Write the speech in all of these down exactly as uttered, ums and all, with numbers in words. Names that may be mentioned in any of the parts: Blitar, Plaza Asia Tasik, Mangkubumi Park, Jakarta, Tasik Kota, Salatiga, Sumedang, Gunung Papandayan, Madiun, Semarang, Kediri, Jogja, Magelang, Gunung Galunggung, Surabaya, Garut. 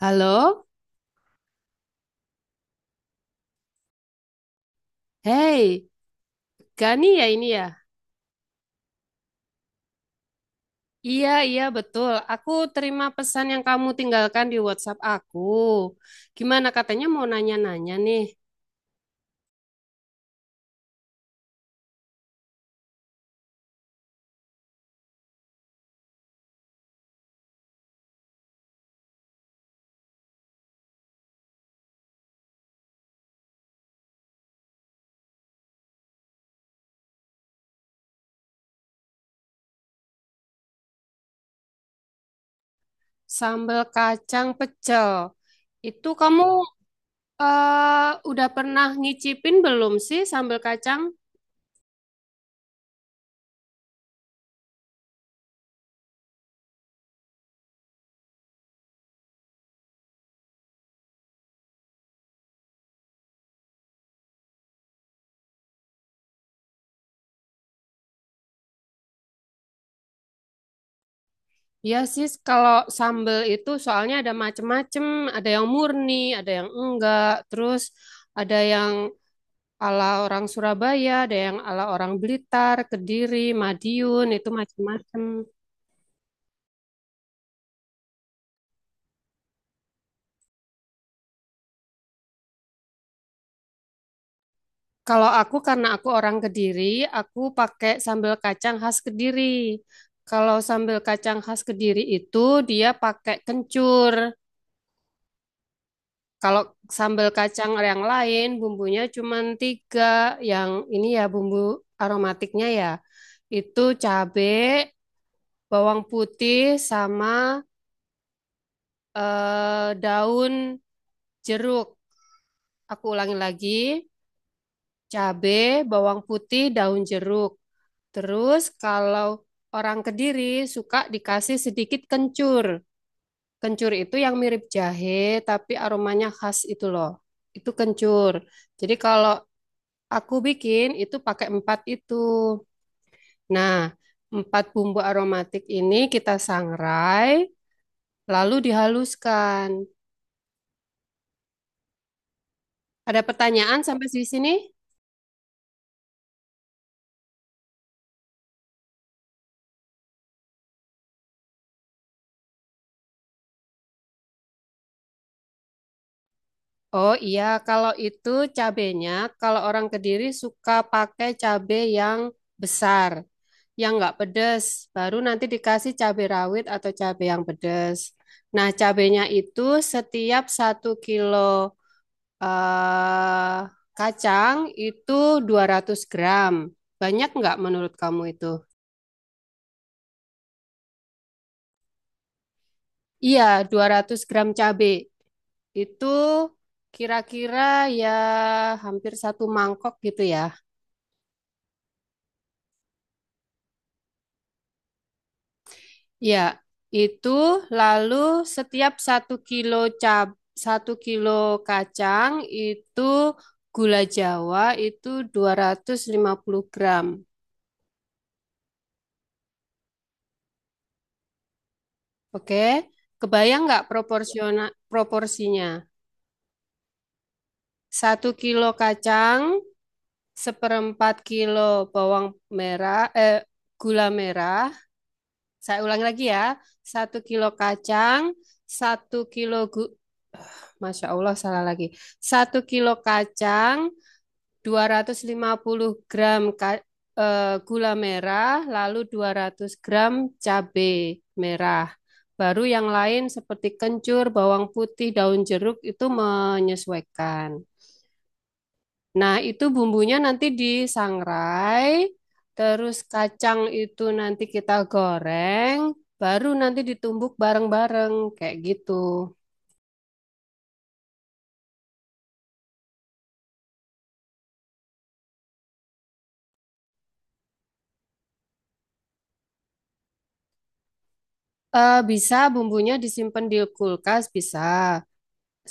Halo, hey, Gani ya ini ya? Iya, iya betul. Aku terima pesan yang kamu tinggalkan di WhatsApp aku. Gimana katanya mau nanya-nanya nih, sambal kacang pecel. Itu kamu eh, udah pernah ngicipin belum sih sambal kacang? Iya sih, kalau sambal itu soalnya ada macem-macem, ada yang murni, ada yang enggak, terus ada yang ala orang Surabaya, ada yang ala orang Blitar, Kediri, Madiun, itu macam-macam. Kalau aku karena aku orang Kediri, aku pakai sambal kacang khas Kediri. Kalau sambal kacang khas Kediri itu dia pakai kencur. Kalau sambal kacang yang lain bumbunya cuma tiga, yang ini ya bumbu aromatiknya ya. Itu cabai, bawang putih sama eh, daun jeruk. Aku ulangi lagi. Cabai, bawang putih, daun jeruk. Terus kalau orang Kediri suka dikasih sedikit kencur. Kencur itu yang mirip jahe tapi aromanya khas itu loh. Itu kencur. Jadi kalau aku bikin itu pakai empat itu. Nah, empat bumbu aromatik ini kita sangrai lalu dihaluskan. Ada pertanyaan sampai di sini? Oh iya, kalau itu cabenya, kalau orang Kediri suka pakai cabe yang besar, yang nggak pedes, baru nanti dikasih cabe rawit atau cabe yang pedes. Nah, cabenya itu setiap satu kilo eh, kacang itu dua ratus gram. Banyak nggak menurut kamu itu? Iya, dua ratus gram cabe itu kira-kira ya hampir satu mangkok gitu ya. Ya, itu lalu setiap satu kilo cab satu kilo kacang itu gula Jawa itu dua ratus lima puluh gram. Oke, kebayang nggak proporsional proporsinya? Satu kilo kacang, seperempat kilo bawang merah, eh, gula merah. Saya ulangi lagi ya, satu kilo kacang, satu kilo gu, Masya Allah salah lagi. Satu kilo kacang, dua ratus lima puluh gram ka- eh, gula merah, lalu dua ratus gram cabai merah. Baru yang lain seperti kencur, bawang putih, daun jeruk itu menyesuaikan. Nah, itu bumbunya nanti disangrai, terus kacang itu nanti kita goreng, baru nanti ditumbuk bareng-bareng kayak gitu. Eh, bisa bumbunya disimpan di kulkas, bisa.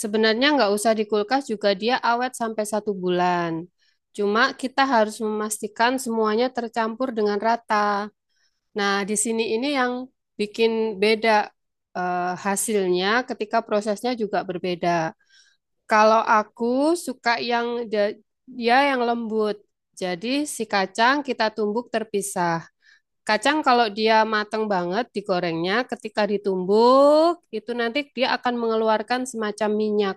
Sebenarnya nggak usah di kulkas juga dia awet sampai satu bulan. Cuma kita harus memastikan semuanya tercampur dengan rata. Nah, di sini ini yang bikin beda eh, hasilnya ketika prosesnya juga berbeda. Kalau aku suka yang ja- dia yang lembut. Jadi si kacang kita tumbuk terpisah. Kacang kalau dia mateng banget digorengnya, ketika ditumbuk itu nanti dia akan mengeluarkan semacam minyak.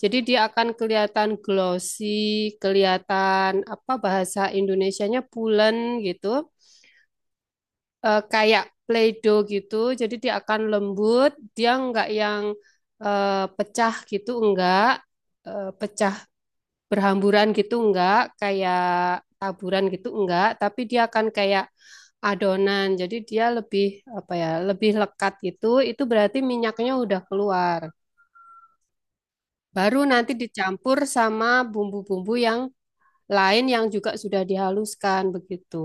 Jadi dia akan kelihatan glossy, kelihatan apa bahasa Indonesianya pulen gitu, Eh, kayak Play-Doh gitu. Jadi dia akan lembut, dia nggak yang eh, pecah gitu, enggak. Eh, pecah berhamburan gitu, enggak kayak taburan gitu, enggak. Tapi dia akan kayak adonan, jadi dia lebih apa ya, lebih lekat gitu. Itu berarti minyaknya udah keluar. Baru nanti dicampur sama bumbu-bumbu yang lain yang juga sudah dihaluskan begitu.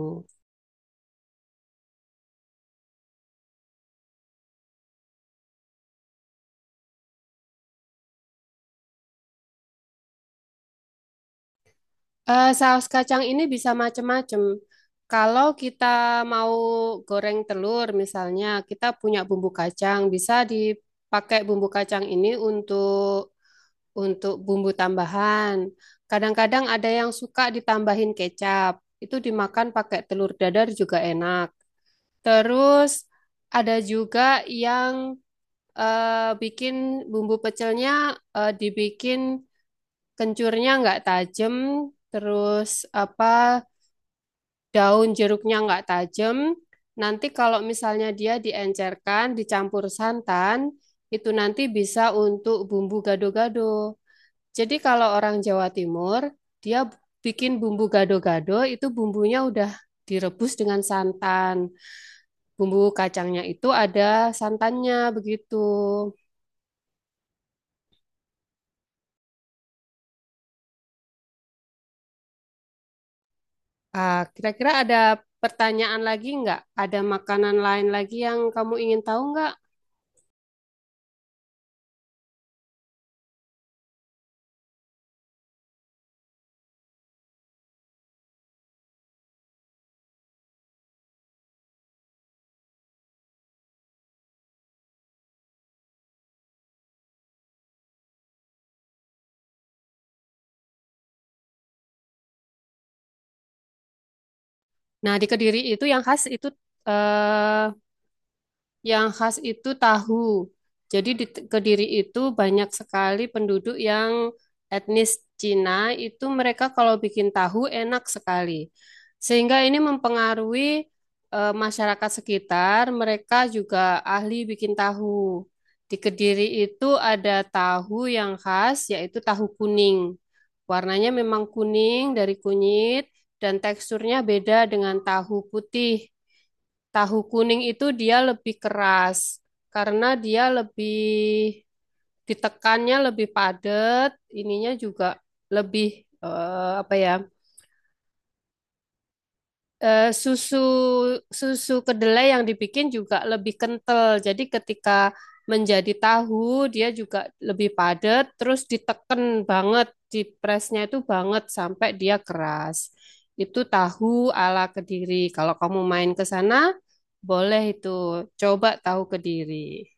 Eh, saus kacang ini bisa macam-macam. Kalau kita mau goreng telur misalnya, kita punya bumbu kacang, bisa dipakai bumbu kacang ini untuk untuk bumbu tambahan. Kadang-kadang ada yang suka ditambahin kecap. Itu dimakan pakai telur dadar juga enak. Terus ada juga yang eh, bikin bumbu pecelnya eh, dibikin kencurnya nggak tajam, terus apa daun jeruknya nggak tajam. Nanti kalau misalnya dia diencerkan, dicampur santan, itu nanti bisa untuk bumbu gado-gado. Jadi kalau orang Jawa Timur, dia bikin bumbu gado-gado itu bumbunya udah direbus dengan santan. Bumbu kacangnya itu ada santannya begitu. Ah, kira-kira ada pertanyaan lagi nggak? Ada makanan lain lagi yang kamu ingin tahu nggak? Nah, di Kediri itu yang khas itu eh, Yang khas itu tahu. Jadi di T- Kediri itu banyak sekali penduduk yang etnis Cina, itu mereka kalau bikin tahu enak sekali. Sehingga ini mempengaruhi eh, masyarakat sekitar, mereka juga ahli bikin tahu. Di Kediri itu ada tahu yang khas, yaitu tahu kuning. Warnanya memang kuning dari kunyit dan teksturnya beda dengan tahu putih. Tahu kuning itu dia lebih keras karena dia lebih ditekannya lebih padat, ininya juga lebih eh, apa ya? eh, susu susu kedelai yang dibikin juga lebih kental. Jadi ketika menjadi tahu dia juga lebih padat, terus diteken banget, di presnya itu banget sampai dia keras. Itu tahu ala Kediri. Kalau kamu main ke sana, boleh itu coba tahu Kediri.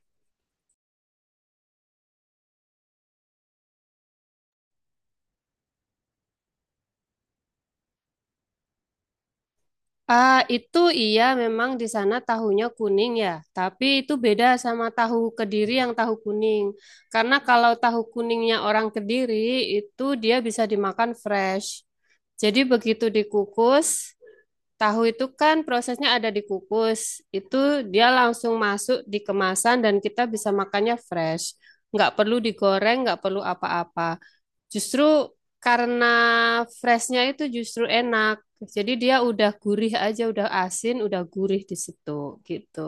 Ah, itu iya memang di sana tahunya kuning ya, tapi itu beda sama tahu Kediri yang tahu kuning. Karena kalau tahu kuningnya orang Kediri itu dia bisa dimakan fresh. Jadi begitu dikukus, tahu itu kan prosesnya ada dikukus. Itu dia langsung masuk di kemasan dan kita bisa makannya fresh. Nggak perlu digoreng, nggak perlu apa-apa. Justru karena freshnya itu justru enak. Jadi dia udah gurih aja, udah asin, udah gurih di situ gitu.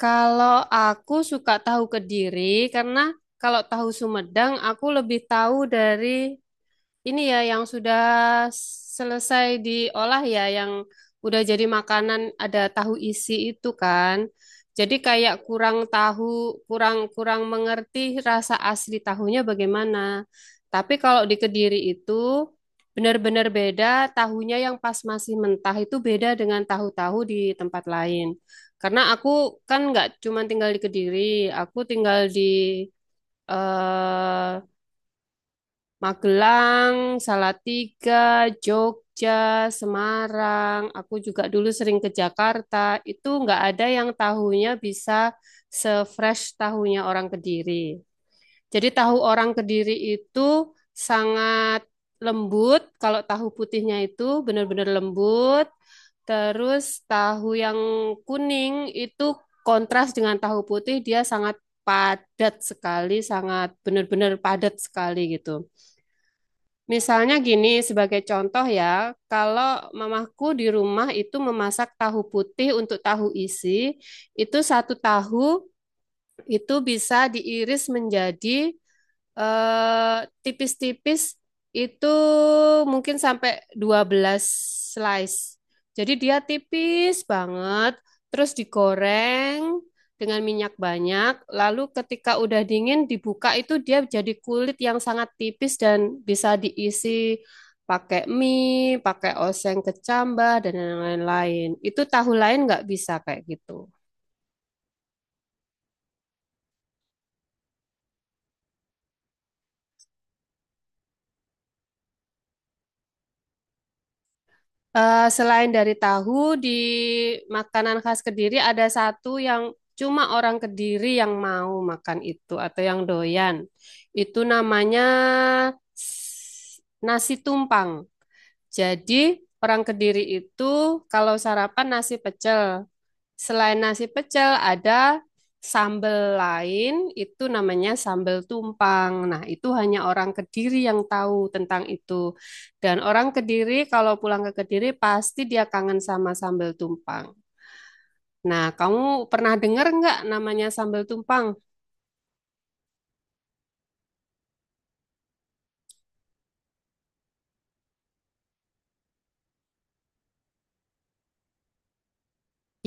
Kalau aku suka tahu Kediri karena kalau tahu Sumedang aku lebih tahu dari ini ya yang sudah selesai diolah ya yang udah jadi makanan ada tahu isi itu kan. Jadi kayak kurang tahu, kurang kurang mengerti rasa asli tahunya bagaimana. Tapi kalau di Kediri itu benar-benar beda tahunya yang pas masih mentah itu beda dengan tahu-tahu di tempat lain. Karena aku kan nggak cuma tinggal di Kediri, aku tinggal di eh, Magelang, Salatiga, Jogja, Semarang. Aku juga dulu sering ke Jakarta. Itu nggak ada yang tahunya bisa se-fresh tahunya orang Kediri. Jadi tahu orang Kediri itu sangat lembut. Kalau tahu putihnya itu benar-benar lembut. Terus tahu yang kuning itu kontras dengan tahu putih dia sangat padat sekali, sangat benar-benar padat sekali gitu. Misalnya gini, sebagai contoh ya, kalau mamaku di rumah itu memasak tahu putih untuk tahu isi, itu satu tahu itu bisa diiris menjadi eh tipis-tipis itu mungkin sampai dua belas slice. Jadi dia tipis banget, terus digoreng dengan minyak banyak, lalu ketika udah dingin dibuka itu dia jadi kulit yang sangat tipis dan bisa diisi pakai mie, pakai oseng kecambah dan yang lain-lain. Itu tahu lain nggak bisa kayak gitu. Eh, selain dari tahu, di makanan khas Kediri ada satu yang cuma orang Kediri yang mau makan itu atau yang doyan. Itu namanya s- nasi tumpang. Jadi orang Kediri itu kalau sarapan nasi pecel, selain nasi pecel, ada sambal lain, itu namanya sambal tumpang. Nah, itu hanya orang Kediri yang tahu tentang itu. Dan orang Kediri kalau pulang ke Kediri pasti dia kangen sama sambal tumpang. Nah, kamu pernah dengar nggak namanya sambal tumpang?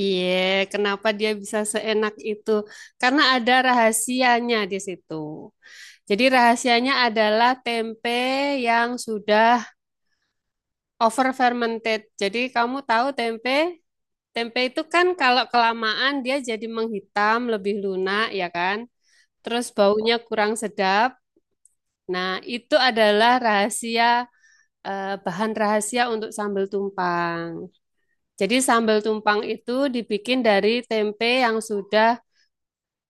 Iya, kenapa dia bisa seenak itu? Karena ada rahasianya di situ. Jadi rahasianya adalah tempe yang sudah over fermented. Jadi kamu tahu tempe? Tempe itu kan kalau kelamaan dia jadi menghitam, lebih lunak ya kan? Terus baunya kurang sedap. Nah, itu adalah rahasia eh, bahan rahasia untuk sambal tumpang. Jadi sambal tumpang itu dibikin dari tempe yang sudah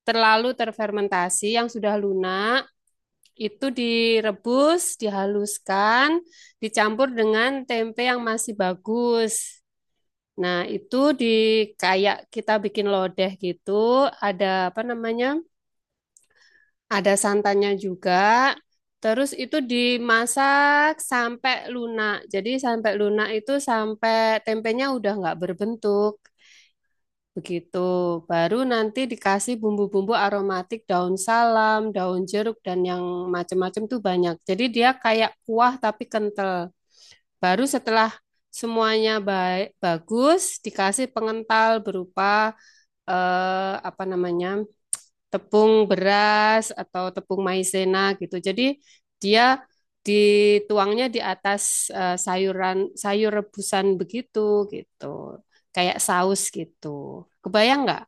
terlalu terfermentasi, yang sudah lunak. Itu direbus, dihaluskan, dicampur dengan tempe yang masih bagus. Nah, itu di kayak kita bikin lodeh gitu, ada apa namanya? Ada santannya juga. Terus itu dimasak sampai lunak. Jadi sampai lunak itu sampai tempenya udah nggak berbentuk. Begitu. Baru nanti dikasih bumbu-bumbu aromatik daun salam, daun jeruk dan yang macam macam tuh banyak. Jadi dia kayak kuah tapi kental. Baru setelah semuanya baik bagus dikasih pengental berupa eh, apa namanya tepung beras atau tepung maizena gitu. Jadi dia dituangnya di atas eh, sayuran sayur rebusan begitu gitu, kayak saus gitu. Kebayang nggak?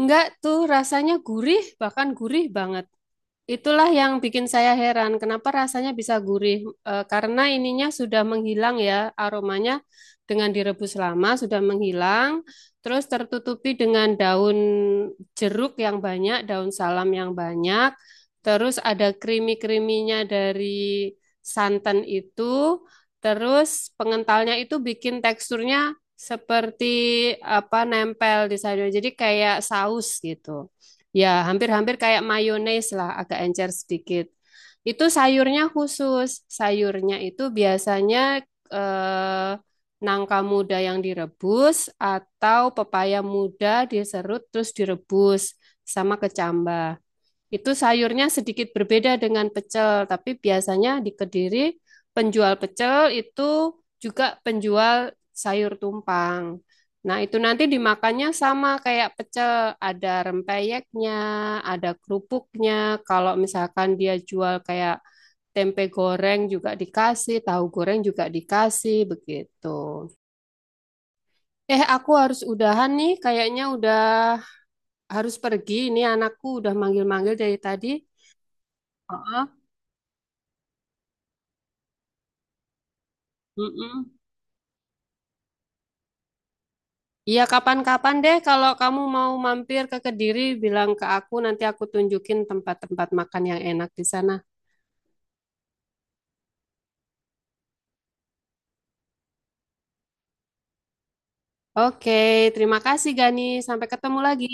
Nggak tuh rasanya gurih, bahkan gurih banget. Itulah yang bikin saya heran, kenapa rasanya bisa gurih? Eh, karena ininya sudah menghilang ya, aromanya dengan direbus lama sudah menghilang, terus tertutupi dengan daun jeruk yang banyak, daun salam yang banyak, terus ada krimi-kriminya dari santan itu, terus pengentalnya itu bikin teksturnya seperti apa nempel di sayur, jadi kayak saus gitu. Ya, hampir-hampir kayak mayones lah, agak encer sedikit. Itu sayurnya khusus. Sayurnya itu biasanya eh, nangka muda yang direbus atau pepaya muda diserut terus direbus sama kecambah. Itu sayurnya sedikit berbeda dengan pecel, tapi biasanya di Kediri penjual pecel itu juga penjual sayur tumpang. Nah, itu nanti dimakannya sama kayak pecel, ada rempeyeknya, ada kerupuknya. Kalau misalkan dia jual kayak tempe goreng juga dikasih, tahu goreng juga dikasih, begitu. Eh, aku harus udahan nih, kayaknya udah harus pergi. Ini anakku udah manggil-manggil dari tadi. Heeh. Mm-mm. Iya, kapan-kapan deh kalau kamu mau mampir ke Kediri, bilang ke aku, nanti aku tunjukin tempat-tempat makan yang enak di sana. Oke, terima kasih Gani. Sampai ketemu lagi.